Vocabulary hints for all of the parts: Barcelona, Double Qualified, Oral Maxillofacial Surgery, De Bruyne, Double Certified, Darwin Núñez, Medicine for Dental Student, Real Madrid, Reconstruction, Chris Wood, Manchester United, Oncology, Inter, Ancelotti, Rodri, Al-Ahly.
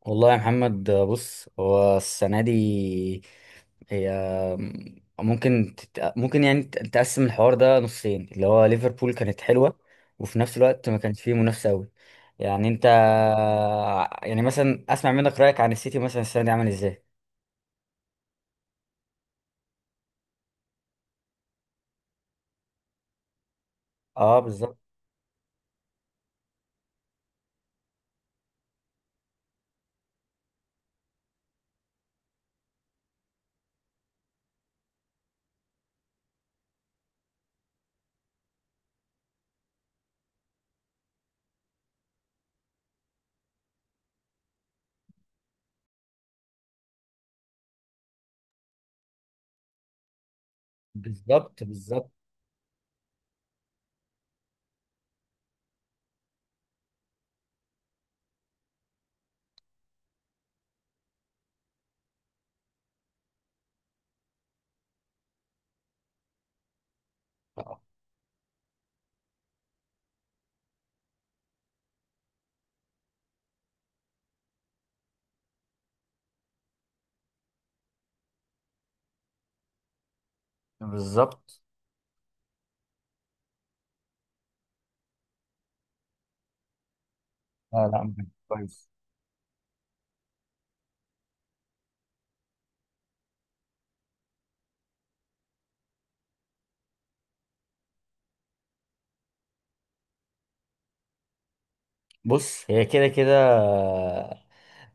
والله يا محمد، بص هو السنة دي هي ممكن ممكن يعني تقسم الحوار ده نصين، اللي هو ليفربول كانت حلوة، وفي نفس الوقت ما كانش فيه منافسة أوي. يعني أنت، يعني مثلا أسمع منك رأيك عن السيتي، مثلا السنة دي عامل إزاي؟ أه بالظبط. بالظبط بالظبط. آه، بالظبط. لا لا، كويس. بص هي كده كده،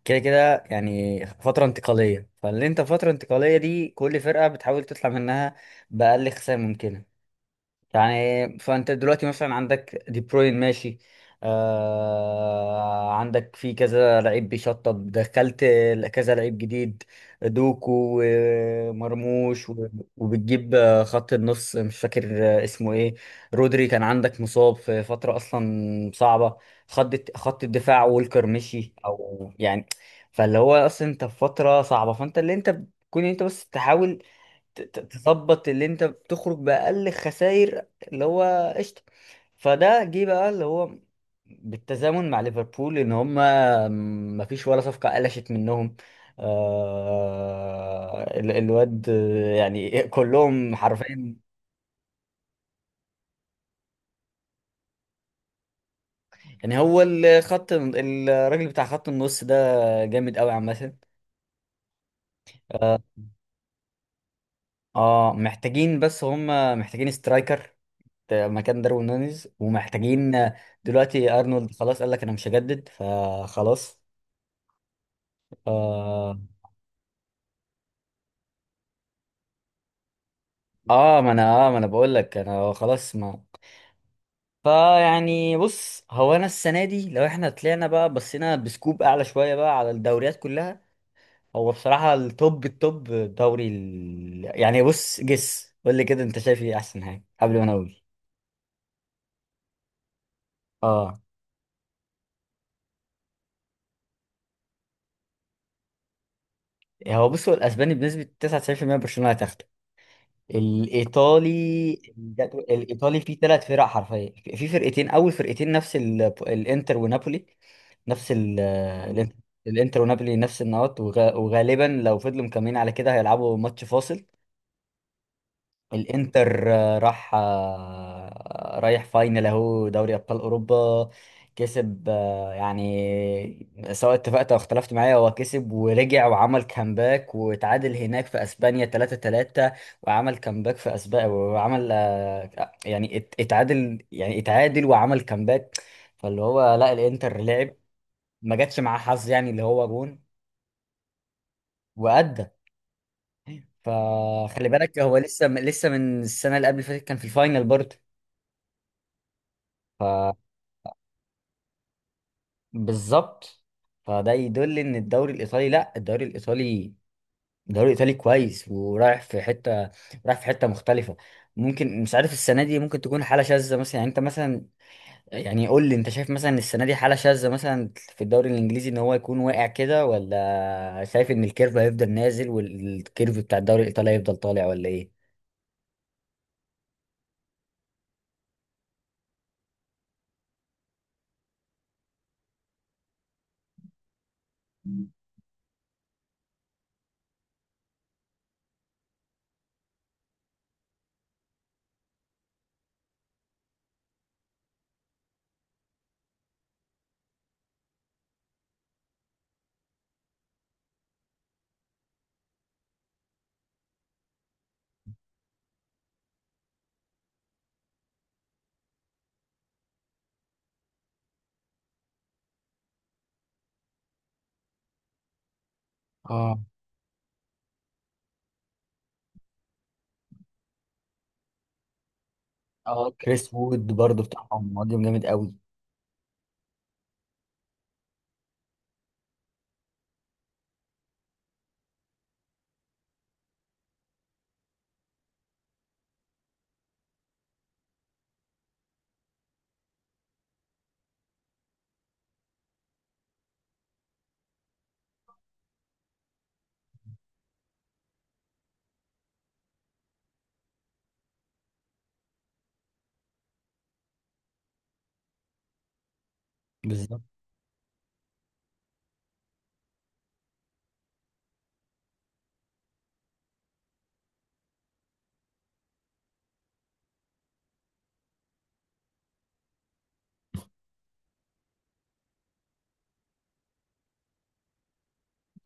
كده كده يعني فترة انتقالية، فاللي انت فترة انتقالية دي كل فرقة بتحاول تطلع منها بأقل خسائر ممكنة. يعني فانت دلوقتي مثلا عندك دي بروين ماشي، آه عندك في كذا لعيب بيشطب دخلت، كذا لعيب جديد، دوكو ومرموش وبتجيب خط النص، مش فاكر اسمه ايه. رودري كان عندك مصاب في فترة اصلا صعبة، خط الدفاع، وولكر مشي او يعني. فاللي هو اصلا انت في فترة صعبة، فانت اللي انت بتكون انت بس تحاول تظبط اللي انت بتخرج بأقل خسائر، اللي هو قشطة. فده جه بقى اللي هو بالتزامن مع ليفربول ان هما ما فيش ولا صفقة قلشت منهم. آه الواد، يعني كلهم حرفيا. يعني هو الخط، الراجل بتاع خط النص ده جامد قوي عامة. اه. آه، محتاجين بس هم، محتاجين سترايكر مكان داروين نونيز، ومحتاجين. دلوقتي ارنولد خلاص قال لك انا مش هجدد، فخلاص. اه. آه، ما انا، اه ما انا بقول لك انا خلاص ما. فيعني بص هو انا السنه دي لو احنا طلعنا بقى، بصينا بسكوب اعلى شويه بقى على الدوريات كلها، هو بصراحه التوب التوب، يعني بص جس قول لي كده انت شايف ايه احسن حاجه قبل ما انا اقول. اه. هو بص، هو الاسباني بنسبه 99% برشلونه هتاخده. الايطالي، الايطالي فيه ثلاث فرق، حرفيا في فرقتين، اول فرقتين نفس الانتر ونابولي، نفس مم. الانتر، الإنتر ونابولي نفس النقط، وغالبا لو فضلوا مكملين على كده هيلعبوا ماتش فاصل. الانتر آه، راح آه، رايح فاينل، اهو دوري ابطال اوروبا. كسب، يعني سواء اتفقت او اختلفت معايا، هو كسب ورجع وعمل كامباك وتعادل هناك في اسبانيا 3-3، وعمل كامباك في اسبانيا، وعمل يعني اتعادل، يعني اتعادل وعمل كامباك. فاللي هو لا، الانتر لعب، ما جاتش معاه حظ يعني، اللي هو جون وأدى. فخلي بالك، هو لسه لسه من السنة اللي قبل اللي فاتت كان في الفاينل برضه. بالظبط. فده يدل ان الدوري الايطالي، لا الدوري الايطالي الدوري الايطالي كويس ورايح في حته، رايح في حته مختلفه. ممكن مش عارف السنه دي، ممكن تكون حاله شاذه مثلا. يعني انت مثلا، يعني قول لي، انت شايف مثلا السنه دي حاله شاذه مثلا في الدوري الانجليزي ان هو يكون واقع كده، ولا شايف ان الكيرف هيفضل نازل والكيرف بتاع الدوري الايطالي هيفضل طالع ولا ايه؟ اه. اه كريس وود برضو بتاعهم مهاجم جامد قوي. بالظبط.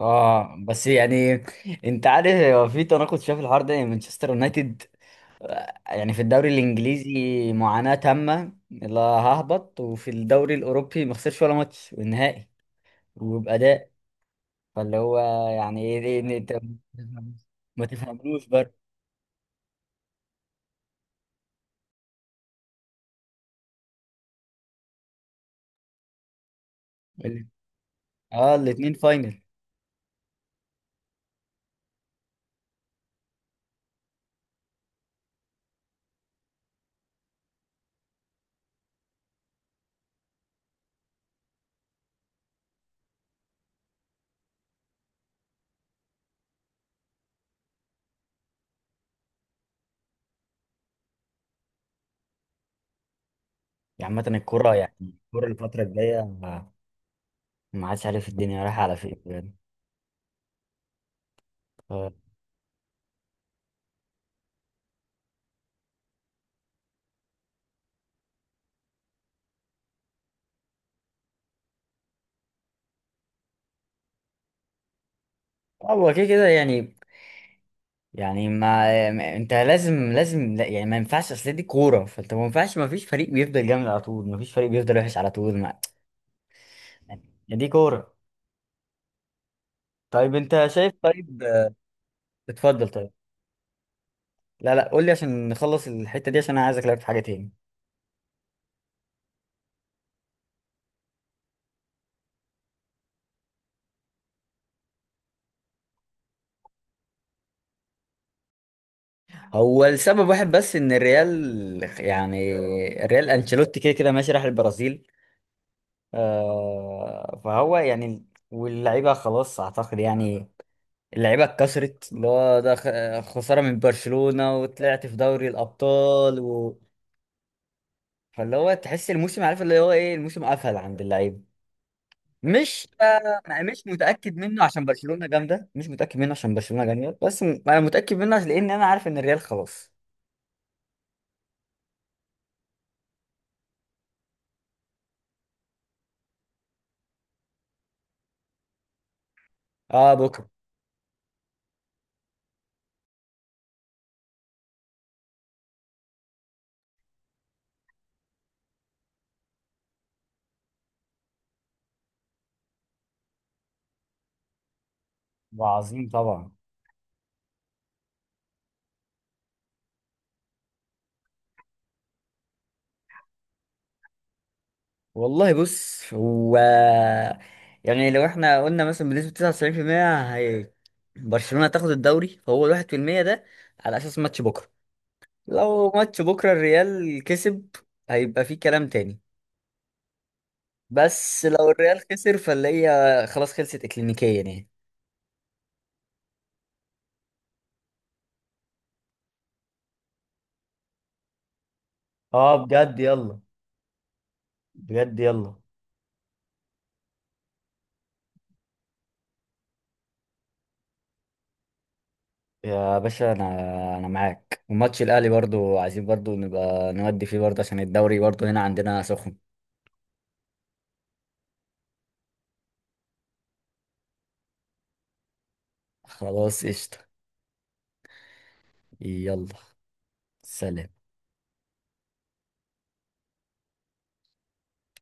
اه بس يعني، انت عارف هو في تناقض، شايف الحوار ده؟ يعني مانشستر يونايتد، يعني في الدوري الانجليزي معاناة تامة، لا ههبط، وفي الدوري الاوروبي ما خسرش ولا ماتش والنهائي، وبأداء. فاللي هو يعني ايه، انت ما تفهملوش برضه. ال- اه الاتنين فاينل. يعني عامة الكورة يعني، الكورة الفترة الجاية، ما عادش عارف الدنيا رايحة على فين بجد. اه. هو كده كده يعني. يعني انت لازم لازم، لا يعني ما ينفعش، اصل دي كوره، فانت ما ينفعش، ما فيش فريق بيفضل جامد على طول، ما فيش فريق بيفضل وحش على طول، ما يعني، دي كوره. طيب انت شايف، طيب آه، اتفضل طيب. لا لا، قول لي عشان نخلص الحته دي، عشان انا عايز اكلمك في حاجه تاني. هو السبب واحد بس ان الريال، يعني الريال انشيلوتي كده كده ماشي راح البرازيل، آه فهو يعني، واللعيبه خلاص اعتقد يعني، اللعيبه اتكسرت، اللي هو ده خساره من برشلونه، وطلعت في دوري الابطال فاللي هو تحس الموسم، عارف اللي هو ايه، الموسم قفل عند اللعيبه. مش مش متاكد منه عشان برشلونه جامده، مش متاكد منه عشان برشلونه جامده، بس انا متاكد منه عشان لان انا عارف ان الريال خلاص. اه بكره. وعظيم طبعا. والله بص هو، يعني لو احنا قلنا مثلا بنسبه 99% هي برشلونه تاخد الدوري، فهو ال 1% ده على اساس ماتش بكره. لو ماتش بكرة الريال كسب، هيبقى فيه كلام تاني. بس لو الريال خسر، فاللي خلاص خلصت اكلينيكيا يعني. اه بجد يلا، بجد يلا. يا باشا انا، انا معاك، وماتش الاهلي برضو عايزين برضو نبقى نودي فيه برضو، عشان الدوري برضو هنا عندنا سخن. خلاص قشطة. يلا. سلام.